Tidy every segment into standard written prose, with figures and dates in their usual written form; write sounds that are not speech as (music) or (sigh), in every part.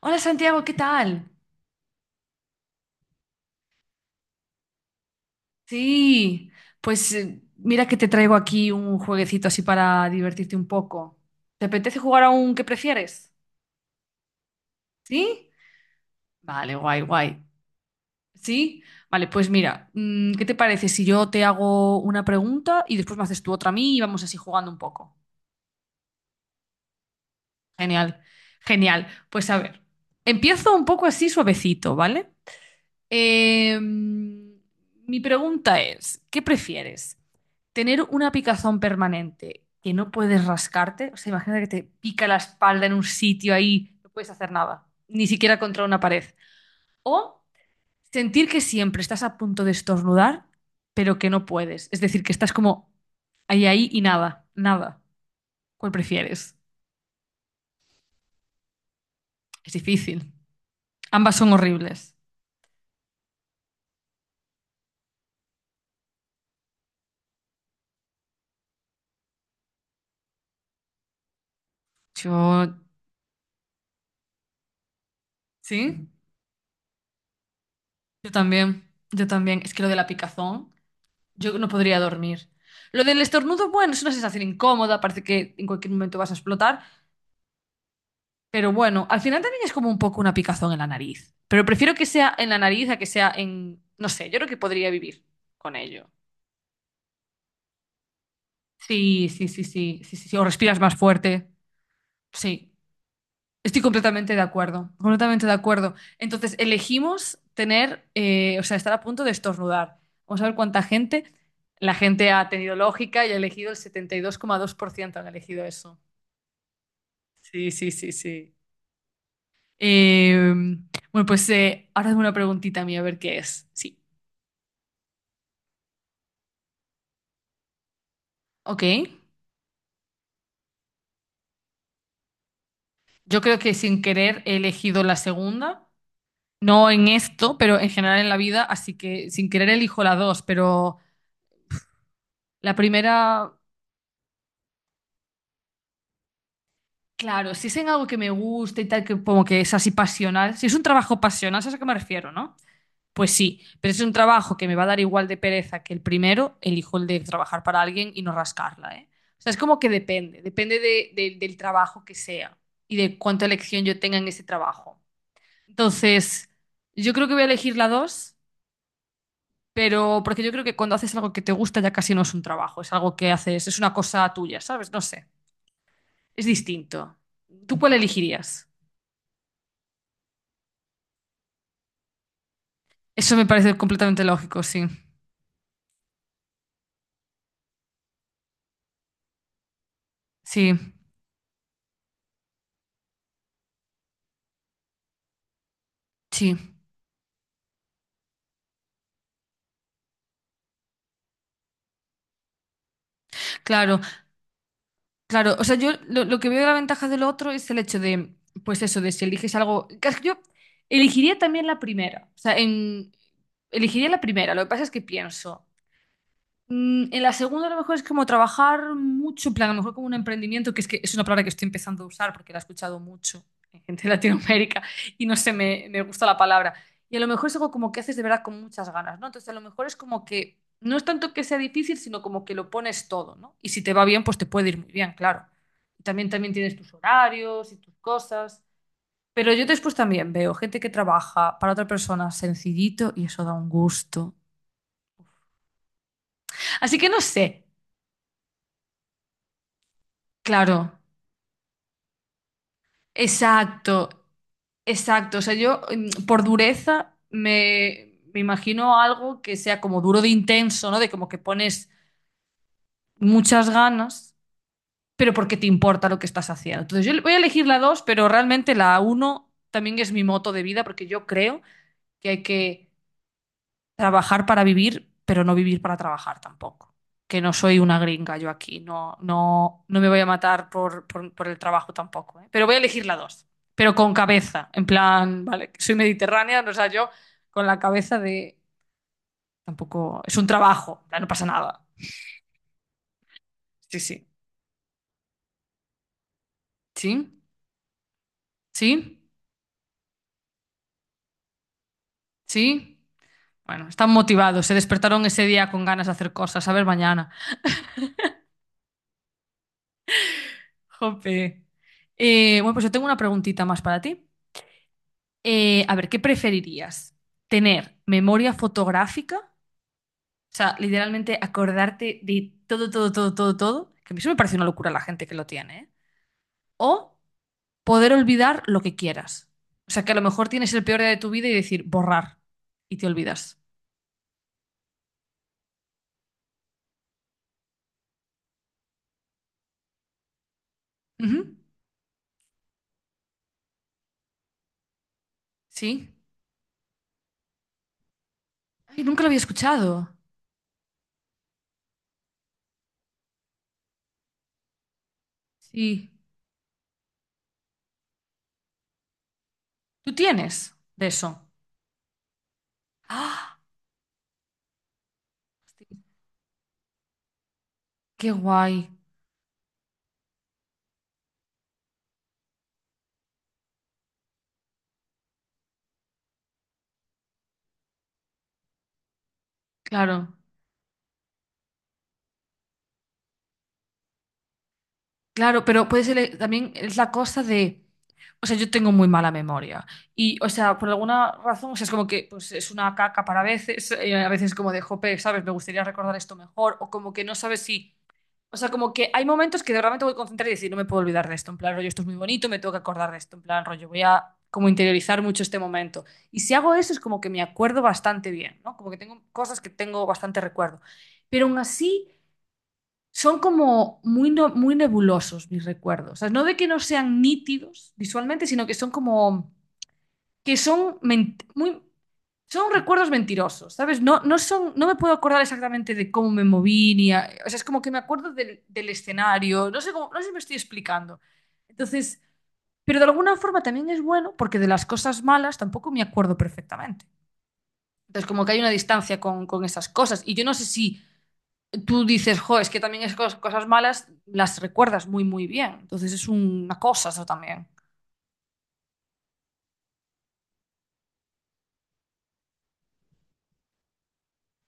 Hola Santiago, ¿qué tal? Sí, pues mira que te traigo aquí un jueguecito así para divertirte un poco. ¿Te apetece jugar a un que prefieres? ¿Sí? Vale, guay, guay. ¿Sí? Vale, pues mira, ¿qué te parece si yo te hago una pregunta y después me haces tú otra a mí y vamos así jugando un poco? Genial, genial. Pues a ver, empiezo un poco así suavecito, ¿vale? Mi pregunta es, ¿qué prefieres? ¿Tener una picazón permanente que no puedes rascarte? O sea, imagínate que te pica la espalda en un sitio ahí, no puedes hacer nada, ni siquiera contra una pared. O sentir que siempre estás a punto de estornudar, pero que no puedes. Es decir, que estás como ahí, ahí y nada, nada. ¿Cuál prefieres? Es difícil. Ambas son horribles. Yo, sí, yo también, yo también. Es que lo de la picazón. Yo no podría dormir. Lo del estornudo, bueno, es una sensación incómoda, parece que en cualquier momento vas a explotar, pero bueno, al final también es como un poco una picazón en la nariz. Pero prefiero que sea en la nariz a que sea en, no sé, yo creo que podría vivir con ello. Sí, sí, sí, sí, sí, sí, sí. O respiras más fuerte. Sí, estoy completamente de acuerdo, completamente de acuerdo. Entonces, elegimos tener, o sea, estar a punto de estornudar. Vamos a ver cuánta gente. La gente ha tenido lógica y ha elegido el setenta y dos dos coma dos por ciento han elegido eso. Sí, sí, sí, sí. Eh, bueno, pues ahora es una preguntita mía, a ver qué es. Sí. Ok. Yo creo que sin querer he elegido la segunda. No en esto, pero en general en la vida. Así que sin querer elijo la dos. Pero la primera, claro, si es en algo que me gusta y tal, que como que es así pasional. Si es un trabajo pasional, ¿sabes a qué me refiero, no? Pues sí, pero es un trabajo que me va a dar igual de pereza que el primero, elijo el de trabajar para alguien y no rascarla, ¿eh? O sea, es como que depende, depende del trabajo que sea y de cuánta elección yo tenga en ese trabajo. Entonces, yo creo que voy a elegir la dos, pero porque yo creo que cuando haces algo que te gusta ya casi no es un trabajo, es algo que haces, es una cosa tuya, ¿sabes? No sé, es distinto. ¿Tú cuál elegirías? Eso me parece completamente lógico, sí. Sí, sí, claro. Claro, o sea, yo lo que veo de la ventaja del otro es el hecho de, pues eso, de si eliges algo. Que Yo elegiría también la primera. O sea, en, elegiría la primera. Lo que pasa es que pienso. Mm, en la segunda, a lo mejor es como trabajar mucho, en plan, a lo mejor como un emprendimiento, que es una palabra que estoy empezando a usar porque la he escuchado mucho en gente de Latinoamérica y no sé, me gusta la palabra. Y a lo mejor es algo como que haces de verdad con muchas ganas, ¿no? Entonces, a lo mejor es como que no es tanto que sea difícil, sino como que lo pones todo, ¿no? Y si te va bien, pues te puede ir muy bien, claro. Y también, también tienes tus horarios y tus cosas. Pero yo después también veo gente que trabaja para otra persona sencillito y eso da un gusto. Así que no sé, claro. Exacto, exacto. O sea, yo por dureza me imagino algo que sea como duro de intenso, ¿no? De como que pones muchas ganas, pero porque te importa lo que estás haciendo. Entonces, yo voy a elegir la 2, pero realmente la uno también es mi moto de vida porque yo creo que hay que trabajar para vivir, pero no vivir para trabajar tampoco. Que no soy una gringa yo aquí, no, no, no me voy a matar por, por el trabajo tampoco, ¿eh? Pero voy a elegir la dos, pero con cabeza, en plan, vale, que soy mediterránea, o sea, yo con la cabeza de tampoco, es un trabajo, en plan, no pasa nada. Sí, sí, sí, sí, sí. Bueno, están motivados, se despertaron ese día con ganas de hacer cosas, a ver mañana. Jope. Bueno, pues yo tengo una preguntita más para ti. A ver, ¿qué preferirías? ¿Tener memoria fotográfica? O sea, literalmente acordarte de todo, todo, todo, todo, todo. Que a mí eso me parece una locura la gente que lo tiene, ¿eh? O poder olvidar lo que quieras. O sea, que a lo mejor tienes el peor día de tu vida y decir borrar y te olvidas. Ujú, sí. Ay, nunca lo había escuchado. Sí. ¿Tú tienes de eso? ¡Ah! ¡Qué guay! Claro. Claro, pero puede ser también es la cosa de, o sea, yo tengo muy mala memoria y, o sea, por alguna razón, o sea, es como que pues es una caca para veces, (laughs) a veces como de, jope, ¿sabes? Me gustaría recordar esto mejor o como que no sabes si, o sea, como que hay momentos que de realmente voy a concentrar y decir, no me puedo olvidar de esto, en plan, rollo, esto es muy bonito, me tengo que acordar de esto, en plan, rollo, voy a como interiorizar mucho este momento. Y si hago eso es como que me acuerdo bastante bien, ¿no? Como que tengo cosas que tengo bastante recuerdo. Pero aún así son como muy, muy nebulosos mis recuerdos. O sea, no de que no sean nítidos visualmente, sino que son como, que son muy, son recuerdos mentirosos, ¿sabes? No, no son, no me puedo acordar exactamente de cómo me moví, ni o sea, es como que me acuerdo del, del escenario, no sé cómo, no sé si me estoy explicando. Entonces, pero de alguna forma también es bueno porque de las cosas malas tampoco me acuerdo perfectamente. Entonces, como que hay una distancia con esas cosas. Y yo no sé si tú dices, jo, es que también es cosas malas las recuerdas muy, muy bien. Entonces es una cosa eso también.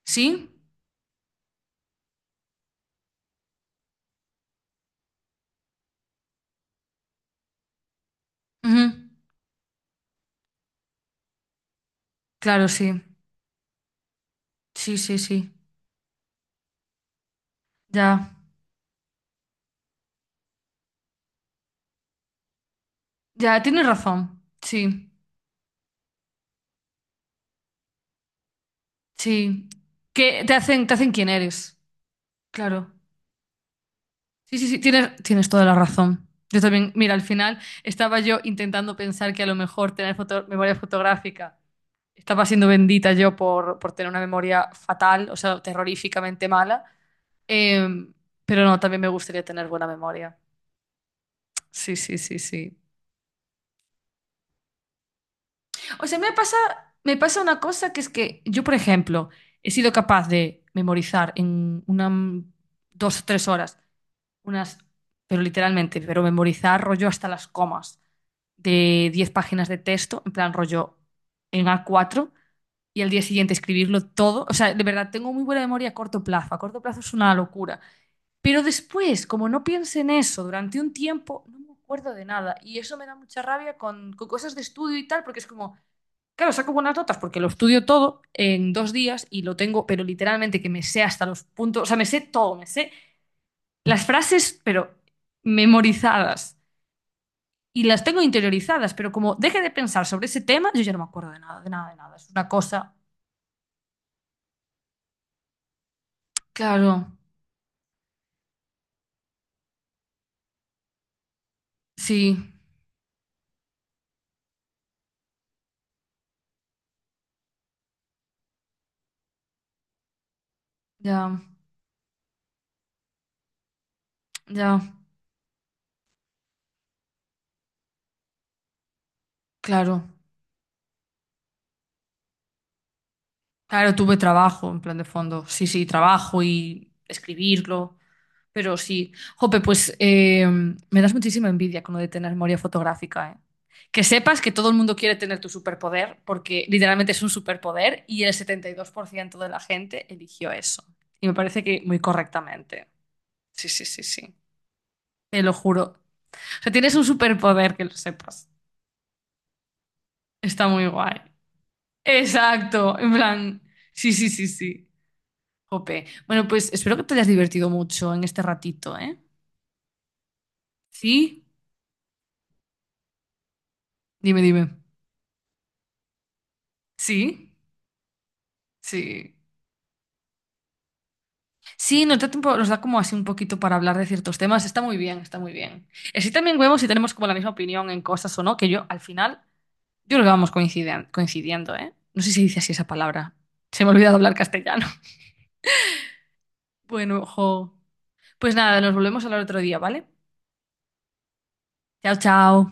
¿Sí? Ujú. Claro, sí. Sí, sí, sí. Ya. Ya, tienes razón. Sí, sí. Que te hacen quién eres. Claro. Sí, sí, sí, tienes, tienes toda la razón. Yo también, mira, al final estaba yo intentando pensar que a lo mejor tener memoria fotográfica estaba siendo bendita yo por tener una memoria fatal, o sea, terroríficamente mala. Eh, pero no, también me gustaría tener buena memoria. Sí, sí, sí, sí. O sea, me pasa una cosa que es que yo, por ejemplo, he sido capaz de memorizar en una, 2 o 3 horas, unas, pero literalmente, pero memorizar rollo hasta las comas de 10 páginas de texto, en plan rollo en a cuatro y al día siguiente escribirlo todo. O sea, de verdad, tengo muy buena memoria a corto plazo. A corto plazo es una locura. Pero después, como no piense en eso durante un tiempo, no me acuerdo de nada. Y eso me da mucha rabia con cosas de estudio y tal, porque es como, claro, saco buenas notas porque lo estudio todo en 2 días y lo tengo, pero literalmente que me sé hasta los puntos, o sea, me sé todo, me sé las frases, pero memorizadas. Y las tengo interiorizadas, pero como deje de pensar sobre ese tema, yo ya no me acuerdo de nada, de nada, de nada. Es una cosa. Claro, sí, ya, ya, claro. Claro, tuve trabajo en plan de fondo. Sí, sí, trabajo y escribirlo. Pero sí. Jope, pues me das muchísima envidia con lo de tener memoria fotográfica, ¿eh? Que sepas que todo el mundo quiere tener tu superpoder, porque literalmente es un superpoder y el 72% de la gente eligió eso. Y me parece que muy correctamente. Sí, sí, sí, sí. Te lo juro. O sea, tienes un superpoder que lo sepas. Está muy guay. Exacto. En plan, sí, sí, sí, sí. Jope. Bueno, pues espero que te hayas divertido mucho en este ratito, ¿eh? Sí, dime, dime. Sí, sí. Sí, nos da tiempo, nos da como así un poquito para hablar de ciertos temas. Está muy bien, está muy bien. Así también vemos si tenemos como la misma opinión en cosas o no, que yo al final, yo creo que vamos coincidiendo, ¿eh? No sé si se dice así esa palabra. Se me ha olvidado hablar castellano. (laughs) Bueno, jo. Pues nada, nos volvemos a hablar otro día, ¿vale? Chao, chao.